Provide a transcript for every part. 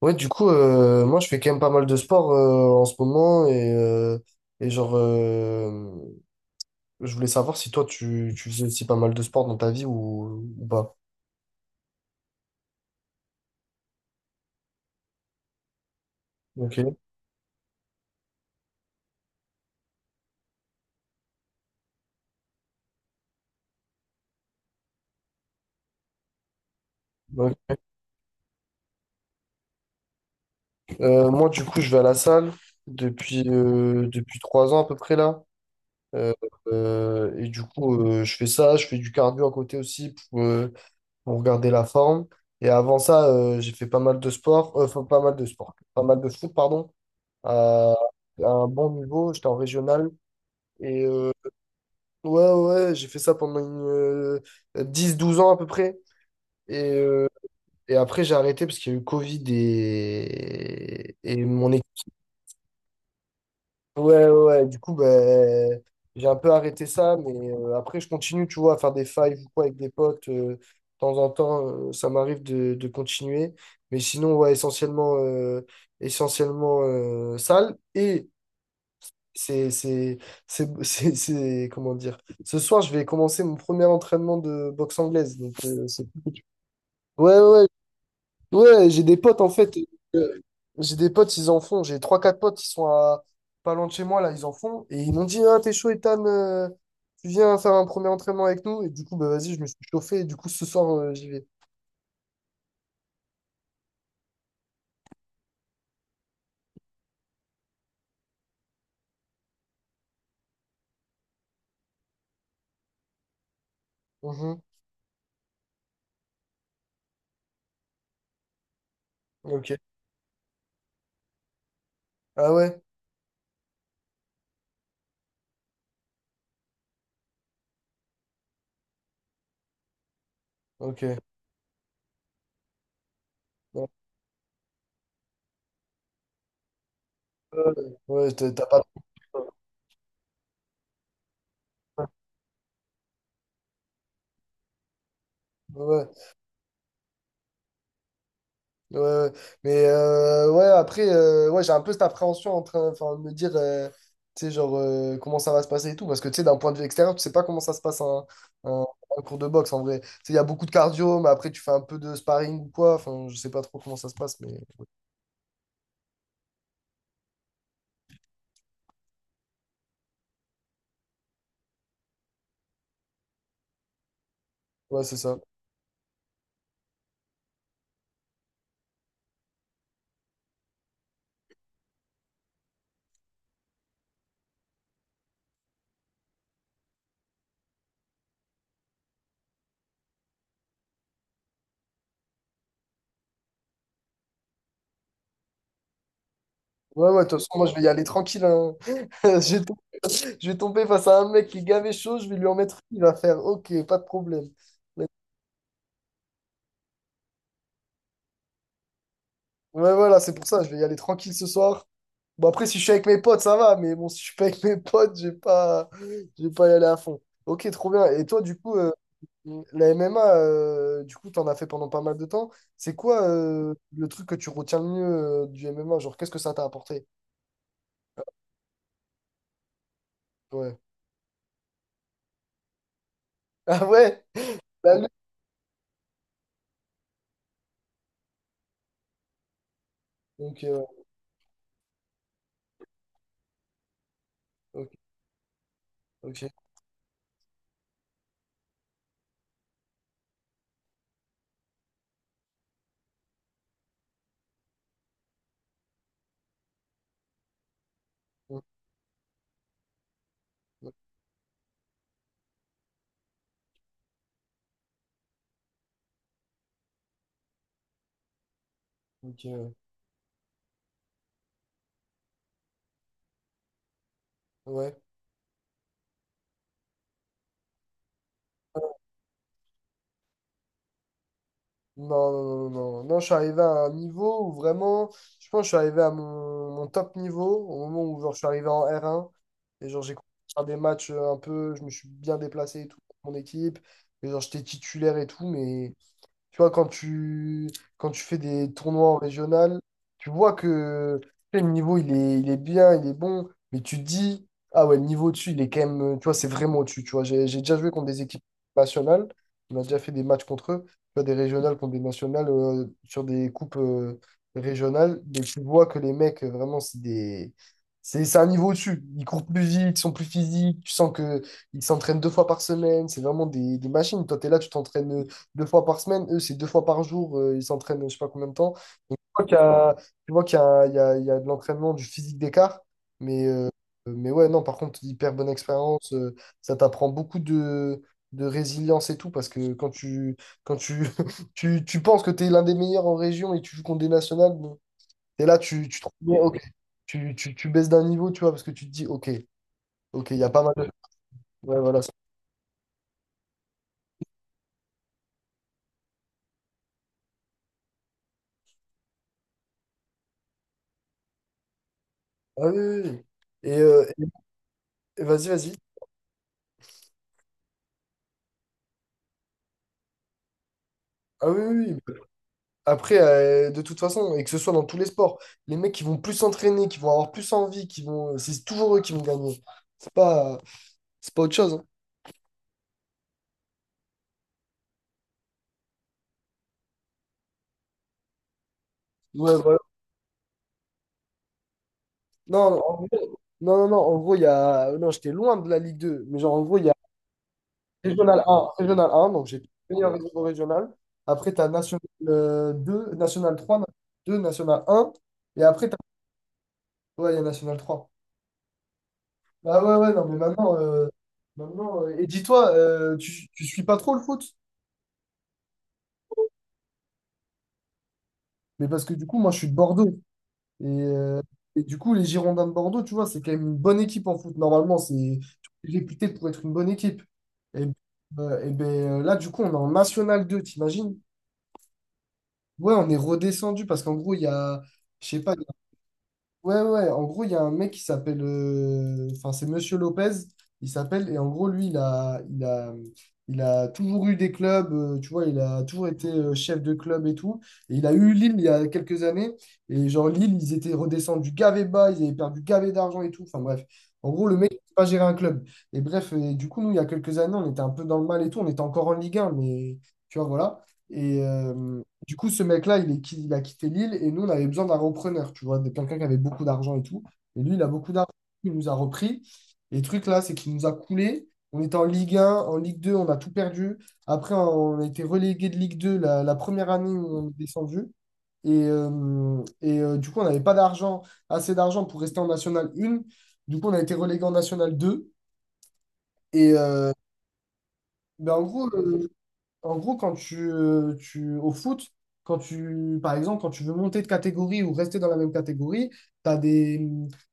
Ouais, du coup, moi, je fais quand même pas mal de sport en ce moment et genre, je voulais savoir si toi, tu faisais aussi pas mal de sport dans ta vie ou pas. Ok. Ouais. Moi, du coup, je vais à la salle depuis 3 ans à peu près là. Euh, et du coup, je fais ça, je fais du cardio à côté aussi pour garder la forme. Et avant ça, j'ai fait pas mal de sport, enfin, pas mal de sport, pas mal de foot, pardon, à, à un bon niveau. J'étais en régional. Et euh, ouais, ouais, ouais, j'ai fait ça pendant 10-12 ans à peu près. Et, euh, et après, j'ai arrêté parce qu'il y a eu Covid et mon équipe. Ouais, ouais, ouais. Du coup, ben, j'ai un peu arrêté ça. Mais après, je continue, tu vois, à faire des fives ou quoi avec des potes. De temps en temps, ça m'arrive de continuer. Mais sinon, ouais, essentiellement salle. C'est, c'est, comment dire? Ce soir, je vais commencer mon premier entraînement de boxe anglaise. Ouais, ouais, ouais, j'ai des potes en fait. euh, j'ai des potes, ils en font. J'ai trois quatre potes, ils sont à pas loin de chez moi là, ils en font. Et ils m'ont dit, ah, t'es chaud, Ethan, tu viens faire un premier entraînement avec nous. Et du coup, bah vas-y, je me suis chauffé. Et du coup, ce soir, j'y vais. Mhm. Ok. Ah ouais? Ok. Ouais, ouais, t'as pas. Ouais. Ouais, ouais. Mais ouais, après, ouais, j'ai un peu cette appréhension en train enfin, de me dire, tu sais, genre, comment ça va se passer et tout. Parce que, tu sais, d'un point de vue extérieur, tu sais pas comment ça se passe un, un cours de boxe en vrai. Tu sais, il y a beaucoup de cardio, mais après, tu fais un peu de sparring ou quoi. Enfin, je sais pas trop comment ça se passe, mais ouais, ouais, c'est ça. Ouais, ouais, de toute façon, moi, je vais y aller tranquille. Hein. Je vais tomber, je vais tomber face à un mec qui est gavé chaud, je vais lui en mettre une, il va faire, ok, pas de problème. Ouais, voilà, c'est pour ça, je vais y aller tranquille ce soir. Bon, après, si je suis avec mes potes, ça va, mais bon, si je suis pas avec mes potes, je vais pas y aller à fond. Ok, trop bien. Et toi, du coup, la MMA, du coup, t'en as fait pendant pas mal de temps. C'est quoi le truc que tu retiens le mieux du MMA? Genre, qu'est-ce que ça t'a apporté? Ouais. Ah ouais? La lutte. Ok, ouais. Ok, ok. Ok, ouais. ok, Ouais. Non, non, non, non, non. Je suis arrivé à un niveau où vraiment, je pense que je suis arrivé à mon top niveau au moment où genre, je suis arrivé en R1. Et genre, j'ai commencé à faire des matchs un peu, je me suis bien déplacé et tout pour mon équipe. Et genre, j'étais titulaire et tout, mais tu vois, quand tu fais des tournois en régional, tu vois que tu sais, le niveau, il est bien, il est bon, mais tu te dis, ah ouais, le niveau au-dessus, il est quand même, tu vois, c'est vraiment au-dessus, tu vois. J'ai déjà joué contre des équipes nationales, on a déjà fait des matchs contre eux, tu vois, des régionales contre des nationales, sur des coupes, régionales, mais tu vois que les mecs, vraiment, c'est des... c'est un niveau au-dessus. Ils courent plus vite, ils sont plus physiques. Tu sens que ils s'entraînent deux fois par semaine. C'est vraiment des machines. Toi, tu es là, tu t'entraînes deux fois par semaine. Eux, c'est deux fois par jour. Ils s'entraînent, je sais pas combien de temps. Tu vois qu'il y a, Tu vois qu'il y a, il y a de l'entraînement, du physique d'écart. Mais, euh, mais ouais, non, par contre, hyper bonne expérience. Ça t'apprend beaucoup de résilience et tout. Parce que quand tu, tu penses que tu es l'un des meilleurs en région et tu joues contre des nationales, bon, et là, tu te rends compte, ok. Tu baisses d'un niveau, tu vois, parce que tu te dis, ok, ok, il y a pas mal de. Ouais, voilà. Ah oui, oui, oui. Et, euh, et- et vas-y, vas-y. Ah oui, oui, oui. Après, de toute façon, et que ce soit dans tous les sports, les mecs qui vont plus s'entraîner, qui vont avoir plus envie, c'est toujours eux qui vont gagner. C'est pas, c'est pas autre chose. Hein. Ouais, voilà. Non, en gros, non, non, non, en gros, il y a, non, j'étais loin de la Ligue 2, mais genre, en gros, il y a Régional 1, Régional 1, donc j'ai meilleur réseau régional. Après, tu as National 2, National 3, National 2, National 1, et après, t'as... ouais, il y a National 3. Ah ouais, ouais, non, mais maintenant, et dis-toi, tu suis pas trop le foot? Mais parce que du coup, moi, je suis de Bordeaux. Et, euh, et du coup, les Girondins de Bordeaux, tu vois, c'est quand même une bonne équipe en foot. Normalement, c'est réputé pour être une bonne équipe. Et, et ben, là, du coup, on est en National 2 t'imagines? Ouais, on est redescendu parce qu'en gros, il y a, je sais pas, ouais, ouais, ouais. En gros, il y a un mec qui s'appelle. Enfin, c'est Monsieur Lopez, il s'appelle. Et en gros, lui, il a toujours eu des clubs, tu vois, il a toujours été chef de club et tout. Et il a eu Lille il y a quelques années. Et genre, Lille, ils étaient redescendus gavé bas, ils avaient perdu gavé d'argent et tout. Enfin, bref. En gros, le mec, il sait pas gérer un club. Et bref, et du coup, nous, il y a quelques années, on était un peu dans le mal et tout. On était encore en Ligue 1 mais tu vois, voilà. Et. euh, du coup, ce mec-là, il a quitté Lille et nous, on avait besoin d'un repreneur, tu vois, de quelqu'un qui avait beaucoup d'argent et tout. Et lui, il a beaucoup d'argent, il nous a repris. Et le truc là, c'est qu'il nous a coulé. On était en Ligue 1, en Ligue 2, on a tout perdu. Après, on a été relégué de Ligue 2 la première année où on est descendu. Et du coup, on n'avait pas d'argent, assez d'argent pour rester en National 1. Du coup, on a été relégué en National 2. Et euh, ben, en gros, quand tu, par exemple, quand tu veux monter de catégorie ou rester dans la même catégorie, as des,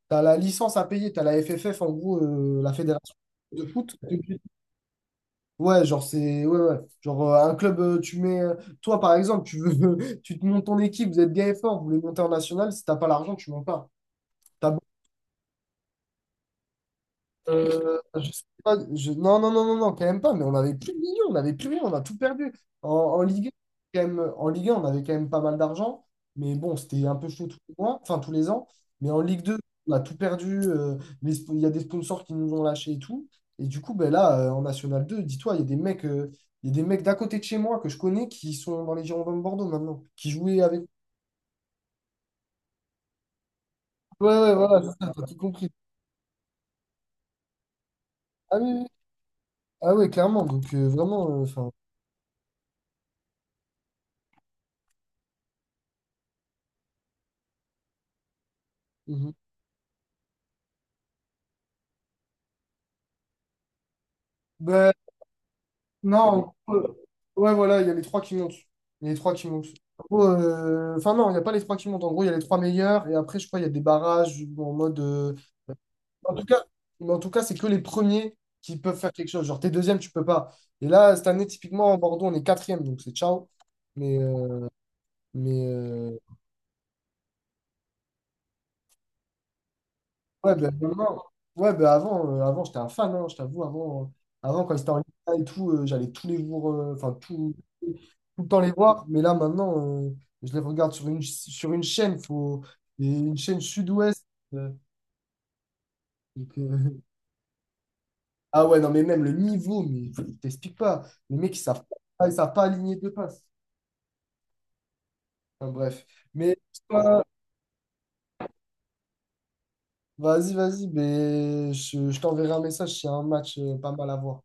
t'as la licence à payer, tu as la FFF, en gros, la fédération de foot. Ouais, genre, c'est, ouais, ouais. Genre, un club, tu mets, toi, par exemple, tu veux, tu te montes ton équipe, vous êtes bien et fort, vous voulez monter en national, si t'as pas l'argent, tu montes pas. T'as je sais pas, je- Non, non, non, non, non, quand même pas, mais on n'avait plus de millions, on n'avait plus rien, on a tout perdu. En Ligue 1, en Ligue 1, on avait quand même pas mal d'argent, mais bon, c'était un peu chaud tous les mois, enfin tous les ans. Mais en Ligue 2, on a tout perdu, il y a des sponsors qui nous ont lâchés et tout. Et du coup, ben là, en National 2, dis-toi, il y a des mecs d'à côté de chez moi que je connais qui sont dans les Girondins de Bordeaux maintenant, qui jouaient avec. Ouais, ouais, voilà, c'est ça, t'as tout compris. Ah oui, oui. Ah ouais, clairement, donc vraiment, enfin. Non, ouais, voilà, il y a les trois qui montent. Il y a les trois qui montent. En gros, enfin, non, il n'y a pas les trois qui montent. En gros, il y a les trois meilleurs. Et après, je crois, il y a des barrages en mode. En tout cas, mais en tout cas, c'est que les premiers qui peuvent faire quelque chose. Genre, t'es deuxième, tu peux pas. Et là, cette année, typiquement, en Bordeaux, on est quatrième. Donc, c'est ciao. Mais, euh, mais, euh, Ouais, ben, vraiment. Ouais, ben, avant j'étais un fan, hein, je t'avoue. Avant, quand ils étaient en Ligue 1 et tout, j'allais tous les jours, enfin, tout, tout le temps les voir. Mais là, maintenant, euh, je les regarde sur sur une chaîne, faut, et une chaîne sud-ouest. euh, donc, Ah ouais, non, mais même le niveau, mais je t'explique pas. Les mecs, ils savent pas, aligner deux passes. Enfin, bref. Mais euh, vas-y, vas-y, mais je t'enverrai un message s'il y a un match pas mal à voir.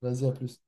Vas-y, à plus.